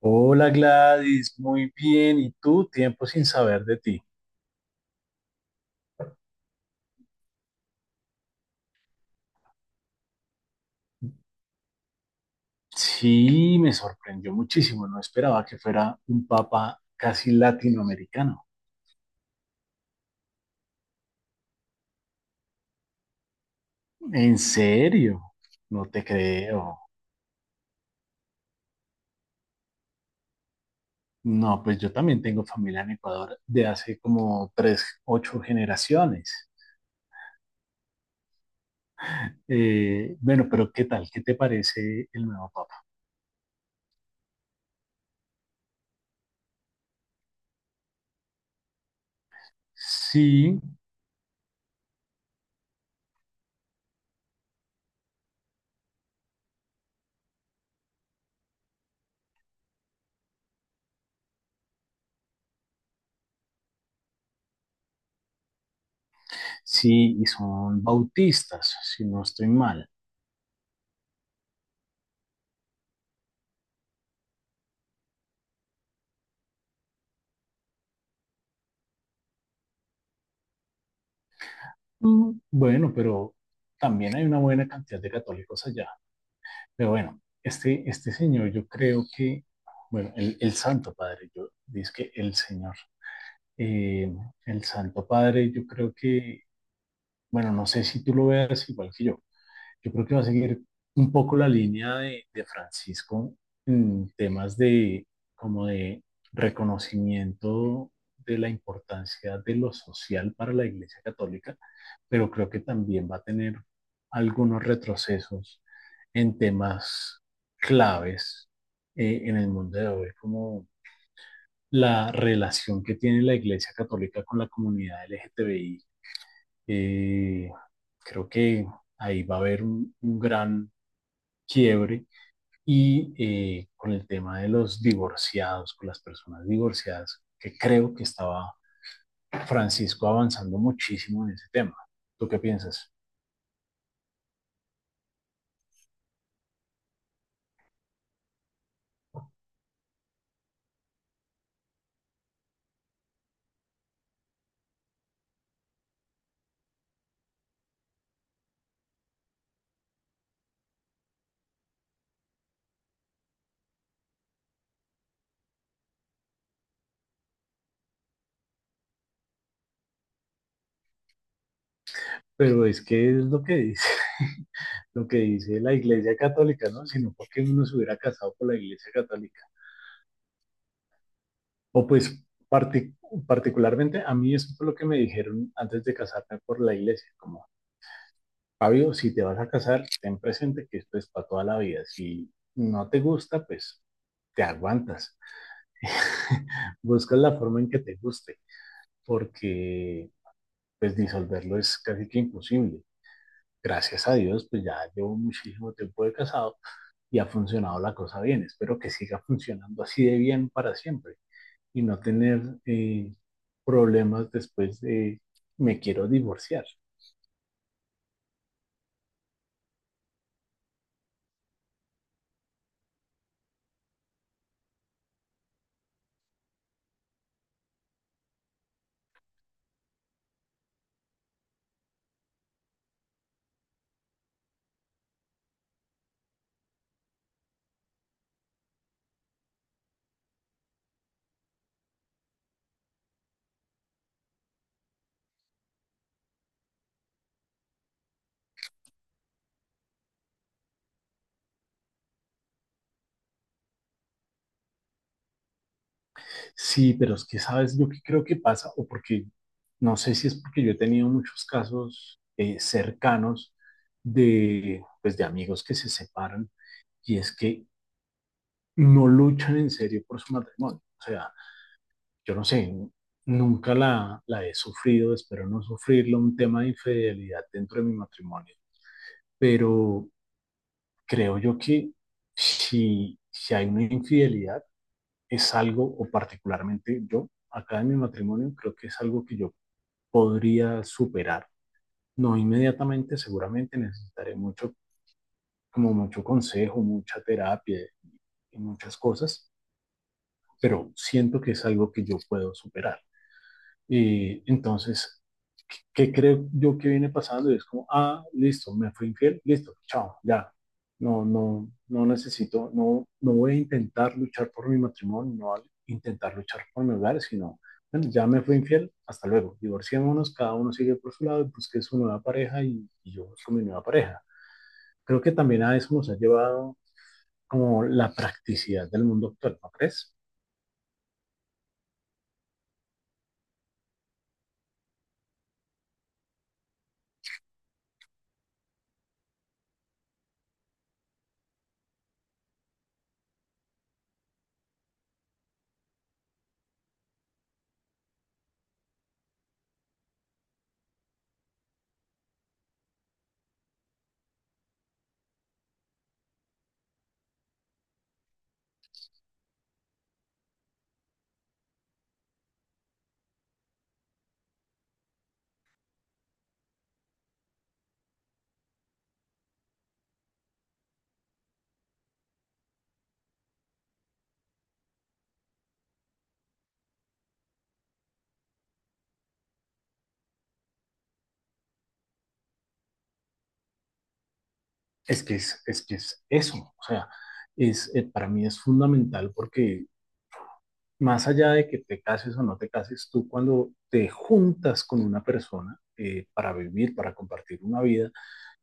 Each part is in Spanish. Hola Gladys, muy bien. ¿Y tú? Tiempo sin saber de ti. Sí, me sorprendió muchísimo. No esperaba que fuera un papa casi latinoamericano. ¿En serio? No te creo. No, pues yo también tengo familia en Ecuador de hace como tres, ocho generaciones. Bueno, pero ¿qué tal? ¿Qué te parece el nuevo papa? Sí, sí, y son bautistas, si no estoy mal. Mm, bueno, pero también hay una buena cantidad de católicos allá. Pero bueno, este señor, yo creo que, bueno, el Santo Padre, yo dice que el Señor, eh, el Santo Padre, yo creo que, bueno, no sé si tú lo veas igual que yo creo que va a seguir un poco la línea de Francisco en temas de como de reconocimiento de la importancia de lo social para la Iglesia Católica, pero creo que también va a tener algunos retrocesos en temas claves en el mundo de hoy, como la relación que tiene la Iglesia Católica con la comunidad LGTBI. Eh, Creo que ahí va a haber un gran quiebre y con el tema de los divorciados, con las personas divorciadas, que creo que estaba Francisco avanzando muchísimo en ese tema. ¿Tú qué piensas? Pero es que es lo que dice, lo que dice la Iglesia Católica, ¿no? Sino porque uno se hubiera casado por la Iglesia Católica. O pues partic- particularmente a mí eso fue lo que me dijeron antes de casarme por la Iglesia, como Fabio, si te vas a casar, ten presente que esto es para toda la vida. Si no te gusta, pues te aguantas. Buscas la forma en que te guste, porque pues disolverlo es casi que imposible. Gracias a Dios, pues ya llevo muchísimo tiempo de casado y ha funcionado la cosa bien. Espero que siga funcionando así de bien para siempre y no tener problemas después de me quiero divorciar. Sí, pero es que sabes lo que creo que pasa, o porque no sé si es porque yo he tenido muchos casos cercanos de, pues, de amigos que se separan y es que no luchan en serio por su matrimonio. O sea, yo no sé, nunca la he sufrido, espero no sufrirlo, un tema de infidelidad dentro de mi matrimonio, pero creo yo que si hay una infidelidad, es algo, o particularmente yo, acá en mi matrimonio, creo que es algo que yo podría superar. No inmediatamente, seguramente necesitaré mucho, como mucho consejo, mucha terapia y muchas cosas, pero siento que es algo que yo puedo superar. Y entonces, ¿qué creo yo que viene pasando? Y es como, ah, listo, me fui infiel, listo, chao, ya. No, no, no necesito, no, no voy a intentar luchar por mi matrimonio, no voy a intentar luchar por mi hogar, sino, bueno, ya me fui infiel, hasta luego. Divorciémonos, cada uno sigue por su lado y busque su nueva pareja y yo busco mi nueva pareja. Creo que también a eso nos ha llevado como la practicidad del mundo actual, ¿no crees? Es que es eso, o sea, es, para mí es fundamental porque más allá de que te cases o no te cases, tú cuando te juntas con una persona para vivir, para compartir una vida,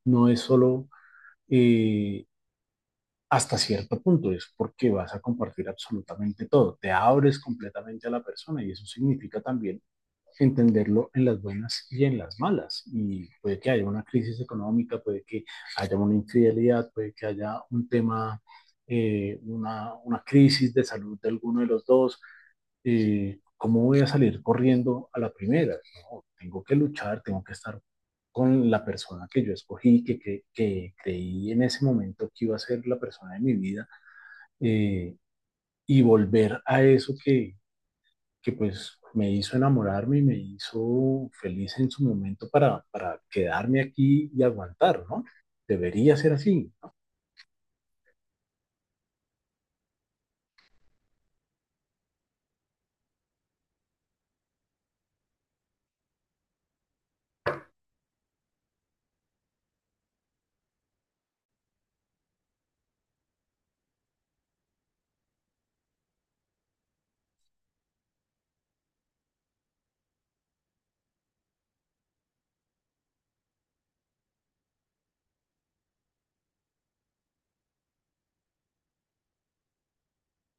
no es solo eh, hasta cierto punto, es porque vas a compartir absolutamente todo, te abres completamente a la persona y eso significa también entenderlo en las buenas y en las malas. Y puede que haya una crisis económica, puede que haya una infidelidad, puede que haya un tema, una, crisis de salud de alguno de los dos. ¿Cómo voy a salir corriendo a la primera? No, tengo que luchar, tengo que estar con la persona que yo escogí, que creí en ese momento que iba a ser la persona de mi vida, eh, y volver a eso que pues me hizo enamorarme y me hizo feliz en su momento para quedarme aquí y aguantar, ¿no? Debería ser así, ¿no?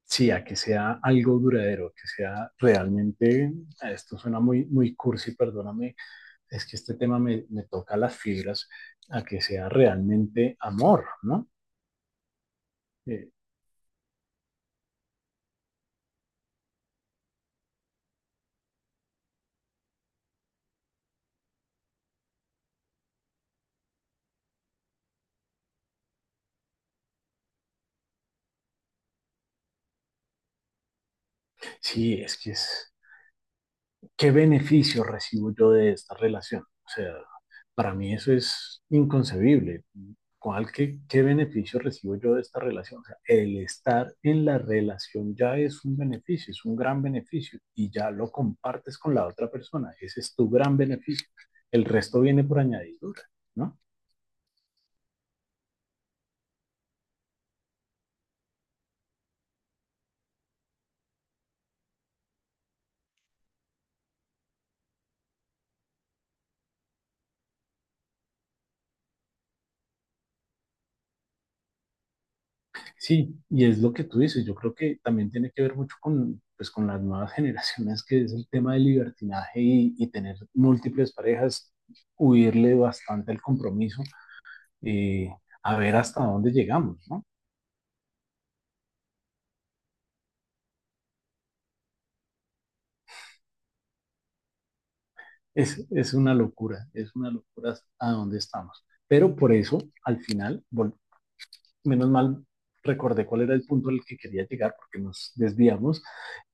Sí, a que sea algo duradero, que sea realmente, esto suena muy, muy cursi, perdóname, es que este tema me, me toca las fibras, a que sea realmente amor, ¿no? Eh, sí, es que es, ¿qué beneficio recibo yo de esta relación? O sea, para mí eso es inconcebible. ¿Cuál, qué, qué beneficio recibo yo de esta relación? O sea, el estar en la relación ya es un beneficio, es un gran beneficio y ya lo compartes con la otra persona. Ese es tu gran beneficio. El resto viene por añadidura, ¿no? Sí, y es lo que tú dices. Yo creo que también tiene que ver mucho con, pues, con las nuevas generaciones, que es el tema del libertinaje y tener múltiples parejas, huirle bastante al compromiso y a ver hasta dónde llegamos, ¿no? Es una locura a dónde estamos. Pero por eso, al final, menos mal recordé cuál era el punto al que quería llegar, porque nos desviamos,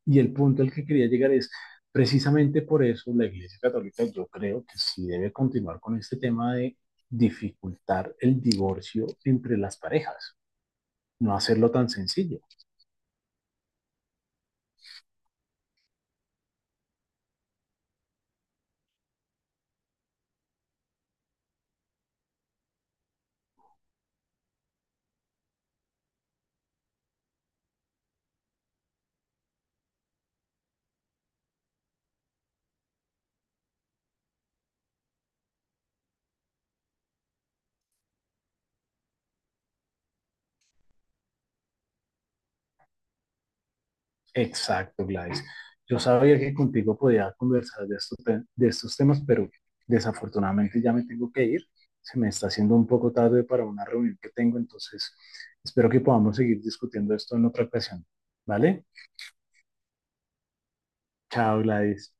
y el punto al que quería llegar es, precisamente por eso la Iglesia Católica yo creo que sí debe continuar con este tema de dificultar el divorcio entre las parejas, no hacerlo tan sencillo. Exacto, Gladys. Yo sabía que contigo podía conversar de estos, de estos temas, pero desafortunadamente ya me tengo que ir. Se me está haciendo un poco tarde para una reunión que tengo, entonces espero que podamos seguir discutiendo esto en otra ocasión. ¿Vale? Chao, Gladys.